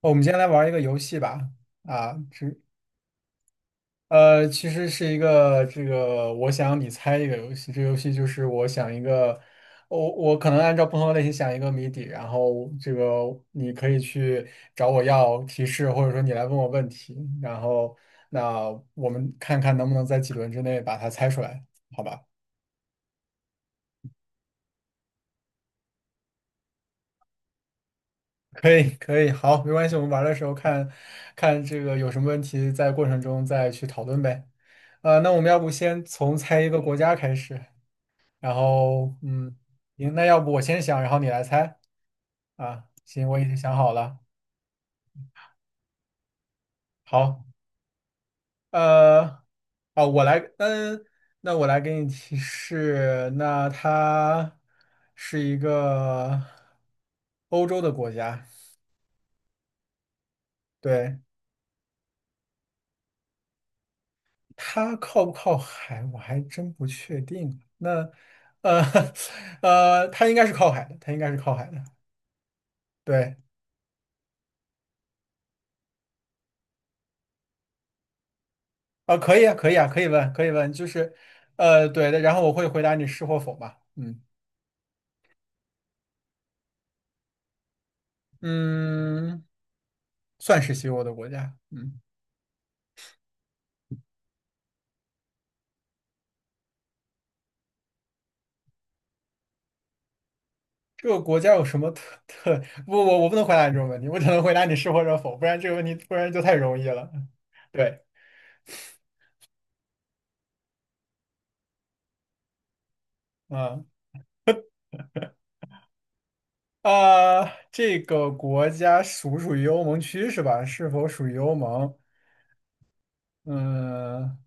哦我们今天来玩一个游戏吧，啊，这其实是一个这个我想你猜一个游戏，这个游戏就是我想一个，我可能按照不同的类型想一个谜底，然后这个你可以去找我要提示，或者说你来问我问题，然后那我们看看能不能在几轮之内把它猜出来，好吧？可以，可以，好，没关系，我们玩的时候看看这个有什么问题，在过程中再去讨论呗。那我们要不先从猜一个国家开始，然后嗯，行，那要不我先想，然后你来猜啊？行，我已经想好了。好，呃，哦，我来，嗯，那我来给你提示，那它是一个欧洲的国家，对，它靠不靠海，我还真不确定啊。那，呃，它应该是靠海的，它应该是靠海的。对，啊，可以啊，可以啊，可以问，可以问，对的。然后我会回答你是或否吧。嗯嗯，算是西欧的国家。嗯，这个国家有什么特特？不，我不能回答你这种问题，我只能回答你是或者否，不然这个问题不然就太容易了。对，嗯。啊、这个国家属不属于欧盟区是吧？是否属于欧盟？嗯，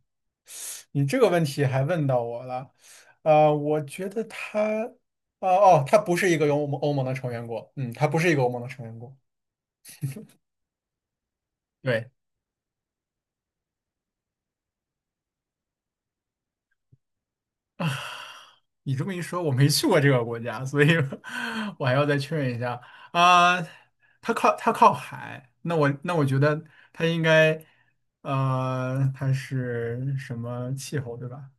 你这个问题还问到我了，我觉得他，哦，他不是一个有欧盟欧盟的成员国，嗯，他不是一个欧盟的成员国。对，你这么一说，我没去过这个国家，所以 我还要再确认一下啊、它靠海，那我觉得它应该，它是什么气候，对吧？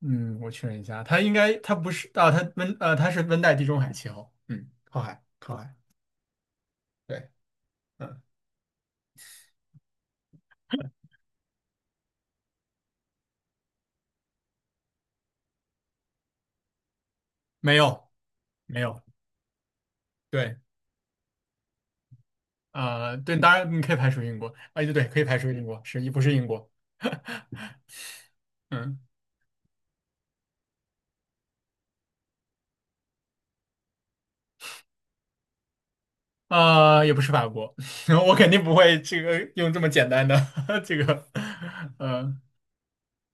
嗯，我确认一下，它应该它不是啊，它是温带地中海气候，嗯，靠海靠海。对。嗯，没有，没有，对，对，当然你可以排除英国，对，对，可以排除英国，是，不是英国，嗯，也不是法国，我肯定不会这个用这么简单的 这个，呃，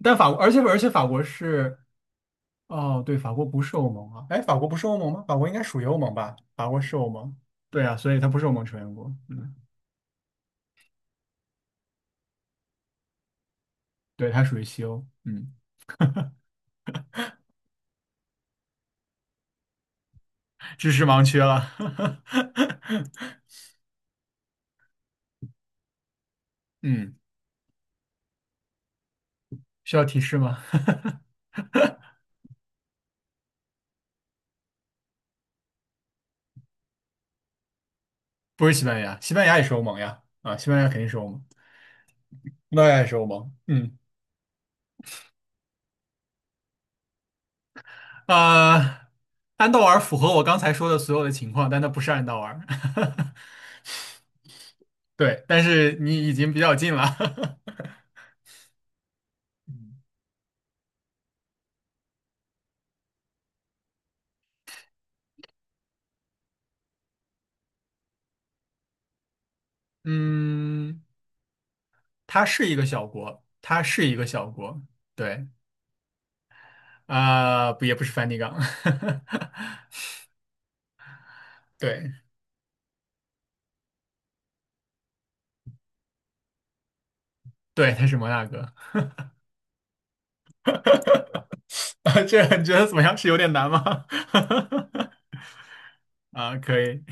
但法国，而且法国是，哦，对，法国不是欧盟啊，哎，法国不是欧盟吗？法国应该属于欧盟吧？法国是欧盟，对啊，所以它不是欧盟成员国，嗯，对，它属于西欧，嗯，知识盲区了，嗯，需要提示吗？不是西班牙，西班牙也是欧盟呀，啊，西班牙肯定是欧盟，那也是欧盟，嗯，呃，安道尔符合我刚才说的所有的情况，但它不是安道尔，对，但是你已经比较近了，嗯，它是一个小国，它是一个小国，对，不也不是梵蒂冈，对，对，它是摩纳哥，啊这你觉得怎么样？是有点难吗？啊，可以，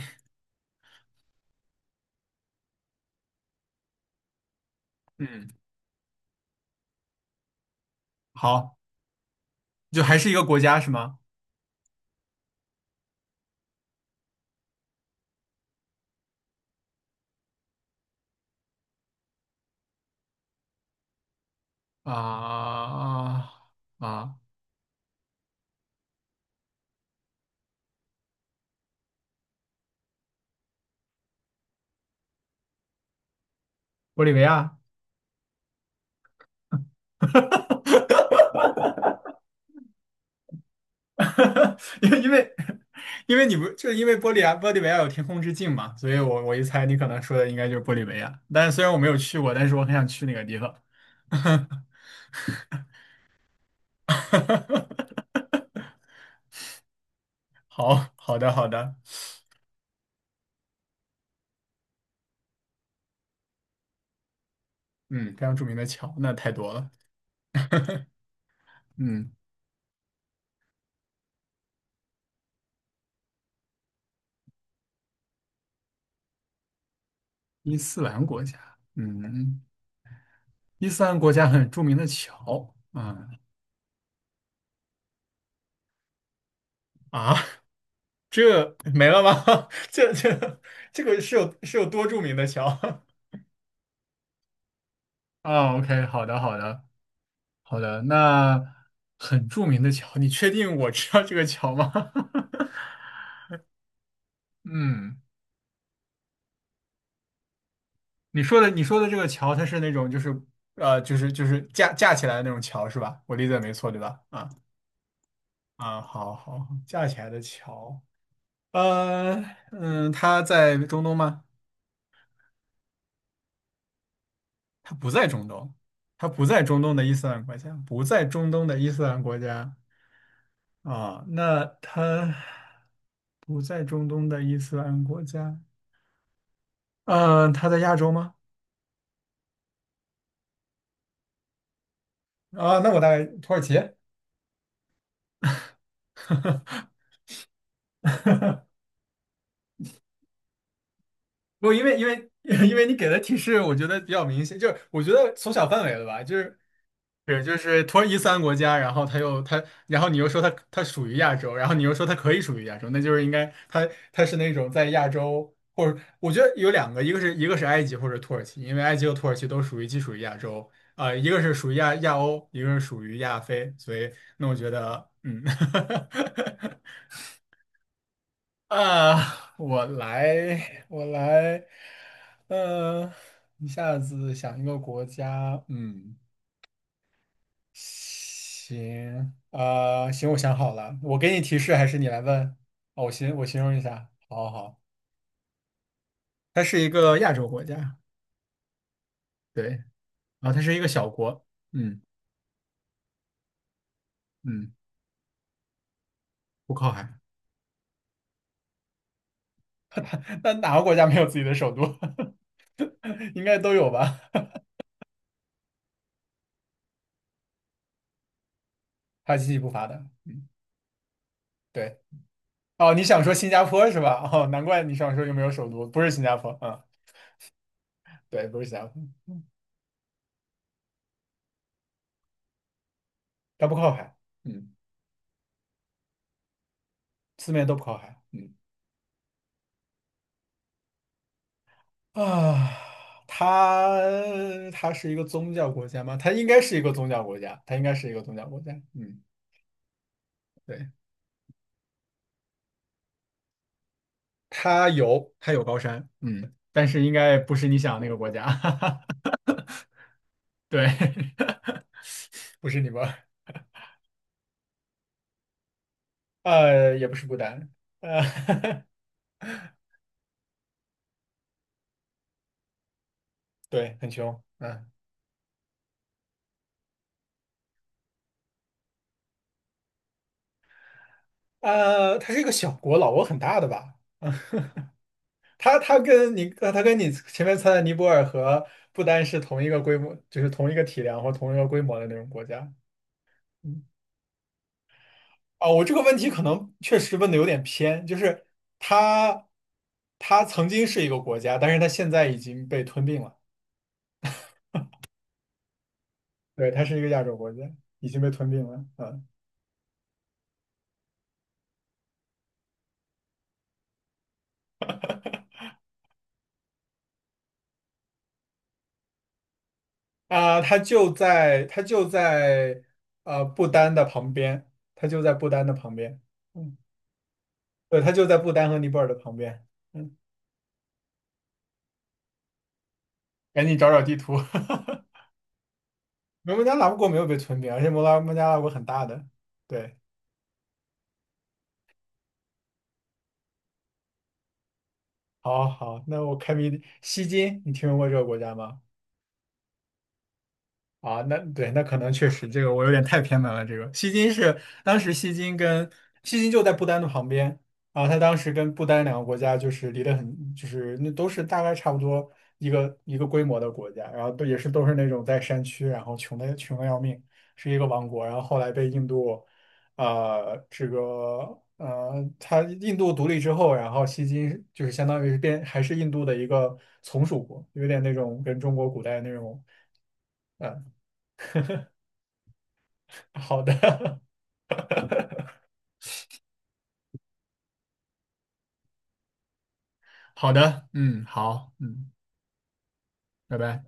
嗯，好。就还是一个国家是吗？啊啊，玻利维亚，因为因为你不就因为玻利维亚有天空之镜嘛，所以我一猜你可能说的应该就是玻利维亚。但是虽然我没有去过，但是我很想去那个地方。好的，嗯，非常著名的桥，那太多了。嗯，伊斯兰国家，嗯，伊斯兰国家很著名的桥，嗯啊，这 没了吗？这这这个是有多著名的桥？啊，OK，好的，好的，好的，那很著名的桥，你确定我知道这个桥吗？嗯，你说的这个桥，它是那种就是架起来的那种桥是吧？我理解没错对吧？啊啊，好好，架起来的桥，呃嗯，它在中东吗？它不在中东，它不在中东的伊斯兰国家，不在中东的伊斯兰国家。啊，那他不在中东的伊斯兰国家，嗯，他在亚洲吗？啊，那我在土耳其。不，因为 因为你给的提示，我觉得比较明显，就是我觉得缩小范围了吧，就是是就是土耳其三斯兰国家，然后他又他，然后你又说他他属于亚洲，然后你又说他可以属于亚洲，那就是应该他他是那种在亚洲，或者我觉得有两个，一个是埃及或者土耳其，因为埃及和土耳其都属于既属于亚洲，一个是属于亚欧，一个是属于亚非，所以那我觉得嗯。啊，我来，我来，呃，一下子想一个国家，嗯，行，行，我想好了，我给你提示，还是你来问？哦，我形容一下，好好好，它是一个亚洲国家，对，然后它是一个小国，嗯嗯，不靠海，那哪个国家没有自己的首都？应该都有吧？它经济不发达，嗯，对，哦，你想说新加坡是吧？哦，难怪你想说又没有首都，不是新加坡，嗯。对，不是峡谷，它不靠海，嗯，四面都不靠海，嗯，啊，它是一个宗教国家吗？它应该是一个宗教国家，它应该是一个宗教国家，嗯，对，它有高山，嗯，但是应该不是你想的那个国家，对，不是你们，也不是不丹，呃，对，很穷，嗯，它是一个小国，老挝很大的吧？它跟你前面猜的尼泊尔和不丹是同一个规模，就是同一个体量或同一个规模的那种国家。嗯，啊，我这个问题可能确实问的有点偏，就是它它曾经是一个国家，但是它现在已经被吞并了。对，它是一个亚洲国家，已经被吞并了。嗯啊，它就在不丹的旁边，它就在不丹的旁边。嗯，对，它就在不丹和尼泊尔的旁边。嗯，赶紧找找地图。摩门加拉国没有被吞并，而且摩拉摩加拉国很大的。对，好，好，那我开明西金，你听说过这个国家吗？啊，那对，那可能确实这个我有点太偏门了。这个西金是当时西金跟西金就在不丹的旁边啊，他当时跟不丹两个国家就是离得很，就是那都是大概差不多一个规模的国家，然后都是那种在山区，然后穷的要命，是一个王国，然后后来被印度，呃，这个他印度独立之后，然后西金就是相当于是变还是印度的一个从属国，有点那种跟中国古代那种。呃好的，好的，嗯，好，嗯，拜拜。